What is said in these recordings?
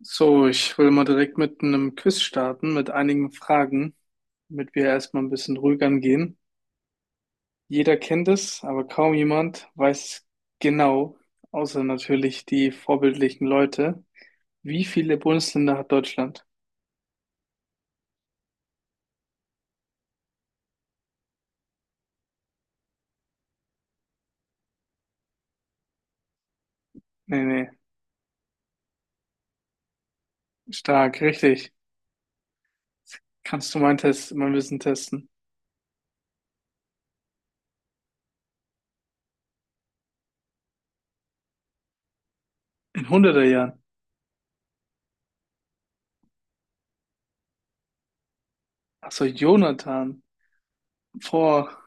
So, ich will mal direkt mit einem Quiz starten, mit einigen Fragen, damit wir erstmal ein bisschen ruhig angehen. Jeder kennt es, aber kaum jemand weiß es genau, außer natürlich die vorbildlichen Leute. Wie viele Bundesländer hat Deutschland? Nee, nee, stark, richtig. Kannst du mein Test, mein Wissen testen? In 100 Jahren. Ach so, Jonathan. Vor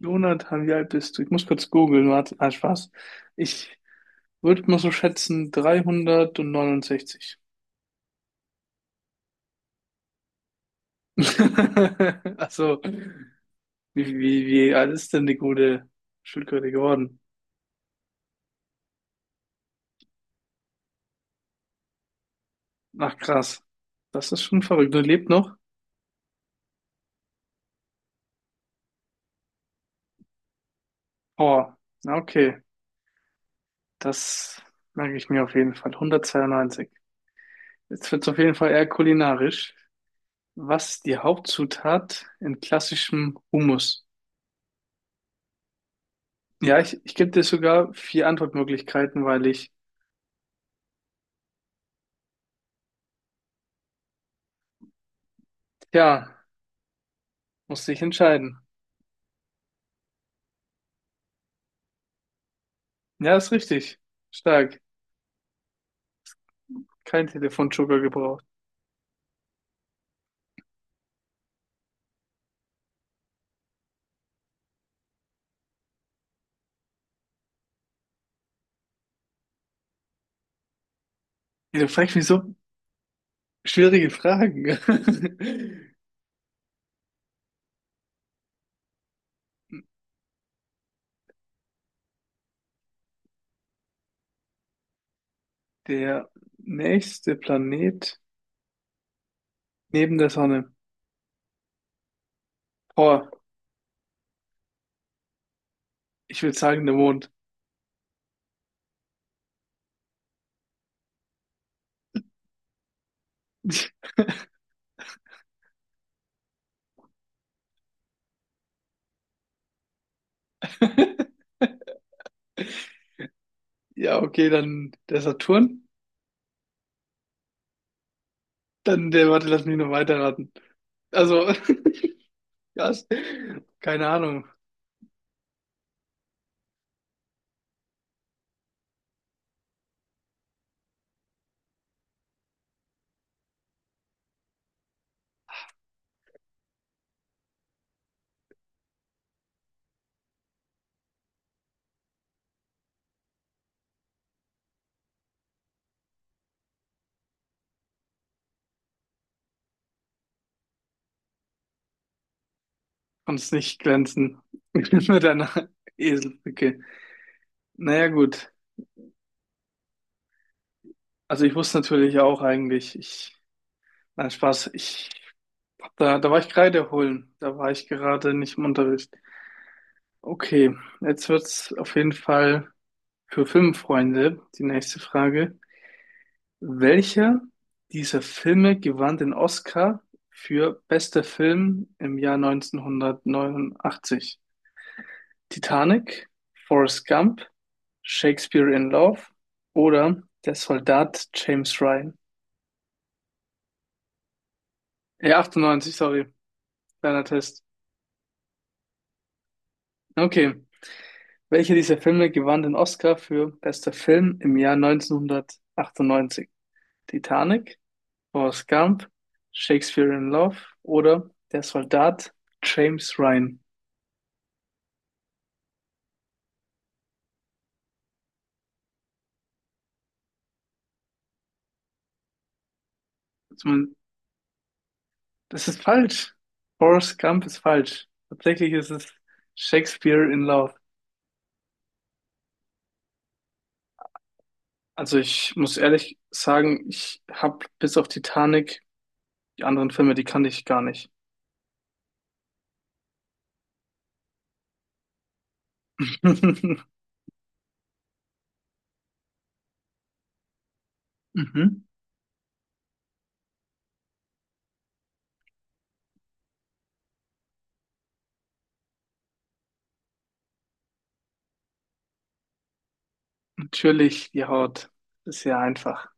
Jonathan, wie alt bist du? Ich muss kurz googeln, warte. Ah, Spaß. Ich würde mal so schätzen 369. Also, wie alt ist denn die gute Schildkröte geworden? Ach, krass. Das ist schon verrückt. Du lebt noch? Oh, na okay. Das merke ich mir auf jeden Fall. 192. Jetzt wird es auf jeden Fall eher kulinarisch. Was ist die Hauptzutat in klassischem Hummus? Ja, ich gebe dir sogar vier Antwortmöglichkeiten, weil ich ja musste ich entscheiden. Ja, ist richtig. Stark. Kein Telefonjoker gebraucht. Ihr fragt mich so schwierige Fragen. Der nächste Planet neben der Sonne. Boah, ich würde sagen, der Mond. Ja, okay, dann der Saturn. Dann der, warte, lass mich noch weiterraten. Also, ja, keine Ahnung. Konnt's nicht glänzen mit einer Eselbrücke. Naja, gut. Also ich wusste natürlich auch eigentlich, ich. Nein, Spaß. Ich, da war ich Kreide holen. Da war ich gerade nicht im Unterricht. Okay, jetzt wird's auf jeden Fall für Filmfreunde die nächste Frage. Welcher dieser Filme gewann den Oscar für bester Film im Jahr 1989? Titanic, Forrest Gump, Shakespeare in Love oder Der Soldat James Ryan? 98, sorry. Kleiner Test. Okay. Welcher dieser Filme gewann den Oscar für bester Film im Jahr 1998? Titanic, Forrest Gump, Shakespeare in Love oder Der Soldat James Ryan? Also man- Das ist falsch. Forrest Gump ist falsch. Tatsächlich ist es Shakespeare in Love. Also ich muss ehrlich sagen, ich habe bis auf Titanic die anderen Filme, die kannte ich gar nicht. Mhm. Natürlich die Haut. Ist ja einfach.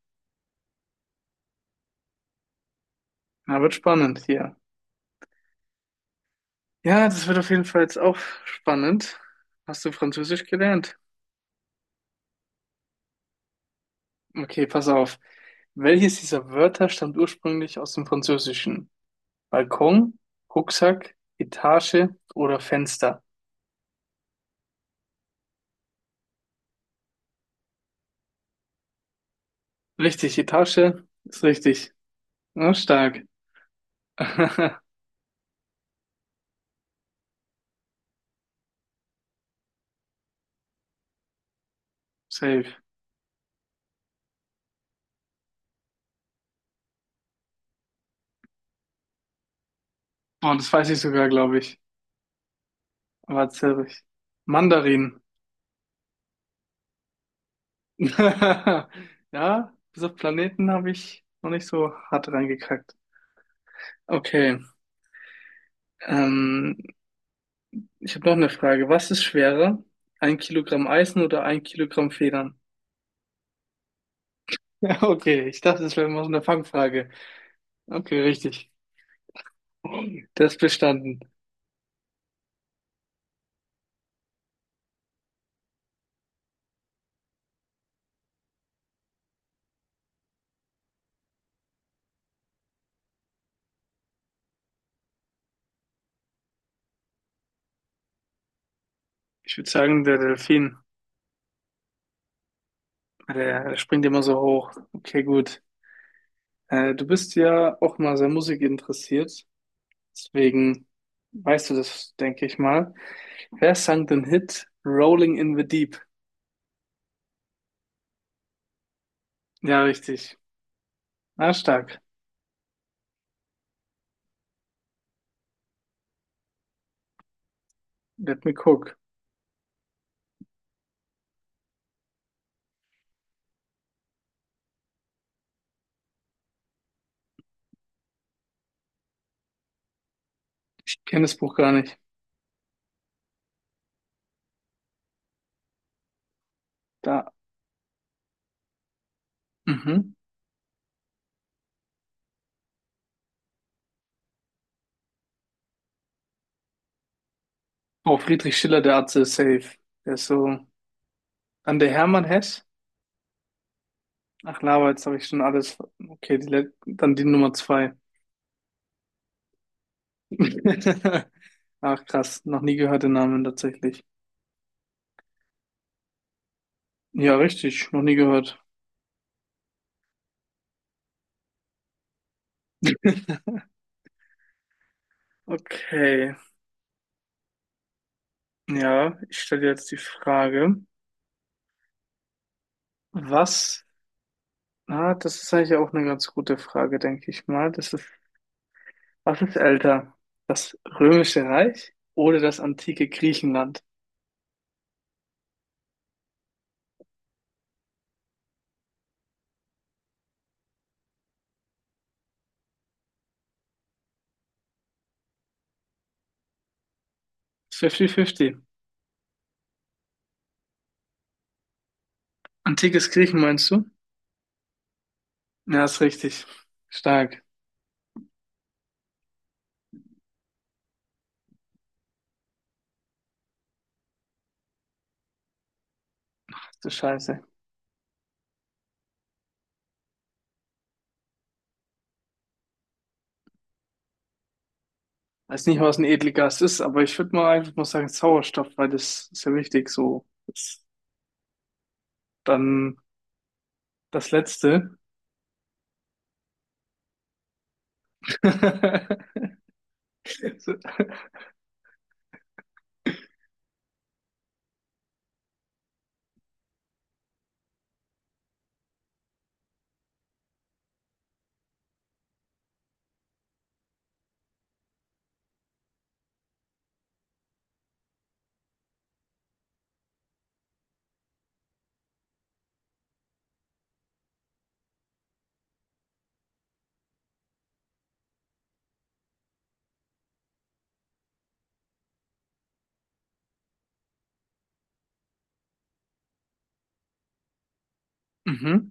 Na, wird spannend hier. Ja, das wird auf jeden Fall jetzt auch spannend. Hast du Französisch gelernt? Okay, pass auf. Welches dieser Wörter stammt ursprünglich aus dem Französischen? Balkon, Rucksack, Etage oder Fenster? Richtig, Etage ist richtig. Ja, stark. Safe. Oh, das weiß ich sogar, glaube ich. Aber erzähl ich. Mandarin. Ja, bis auf Planeten habe ich noch nicht so hart reingekackt. Okay. Ähm, ich habe noch eine Frage. Was ist schwerer? Ein Kilogramm Eisen oder ein Kilogramm Federn? Okay, ich dachte, das wäre mal so eine Fangfrage. Okay, richtig. Das ist bestanden. Ich würde sagen, der Delfin, der springt immer so hoch. Okay, gut. Du bist ja auch mal sehr musikinteressiert. Deswegen weißt du das, denke ich mal. Wer sang den Hit Rolling in the Deep? Ja, richtig. Na, stark. Let me cook. Ich kenne das Buch gar nicht. Da. Mhm. Oh, Friedrich Schiller, der Atze ist safe. Der ist so an der Hermann Hess. Ach, Lava, jetzt habe ich schon alles. Okay, die, dann die Nummer zwei. Ach, krass, noch nie gehört den Namen tatsächlich. Ja, richtig, noch nie gehört. Okay, ja, ich stelle dir jetzt die Frage, was, ah, das ist eigentlich auch eine ganz gute Frage, denke ich mal. Das ist, was ist älter? Das Römische Reich oder das antike Griechenland? 50-50. Antikes Griechen meinst du? Ja, ist richtig. Stark. Ach du Scheiße. Weiß nicht, was ein Edelgas ist, aber ich würde mal einfach mal sagen Sauerstoff, weil das ist ja wichtig. So, das, dann das Letzte. So. Mhm.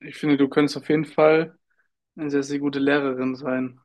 Ich finde, du könntest auf jeden Fall eine sehr, sehr gute Lehrerin sein.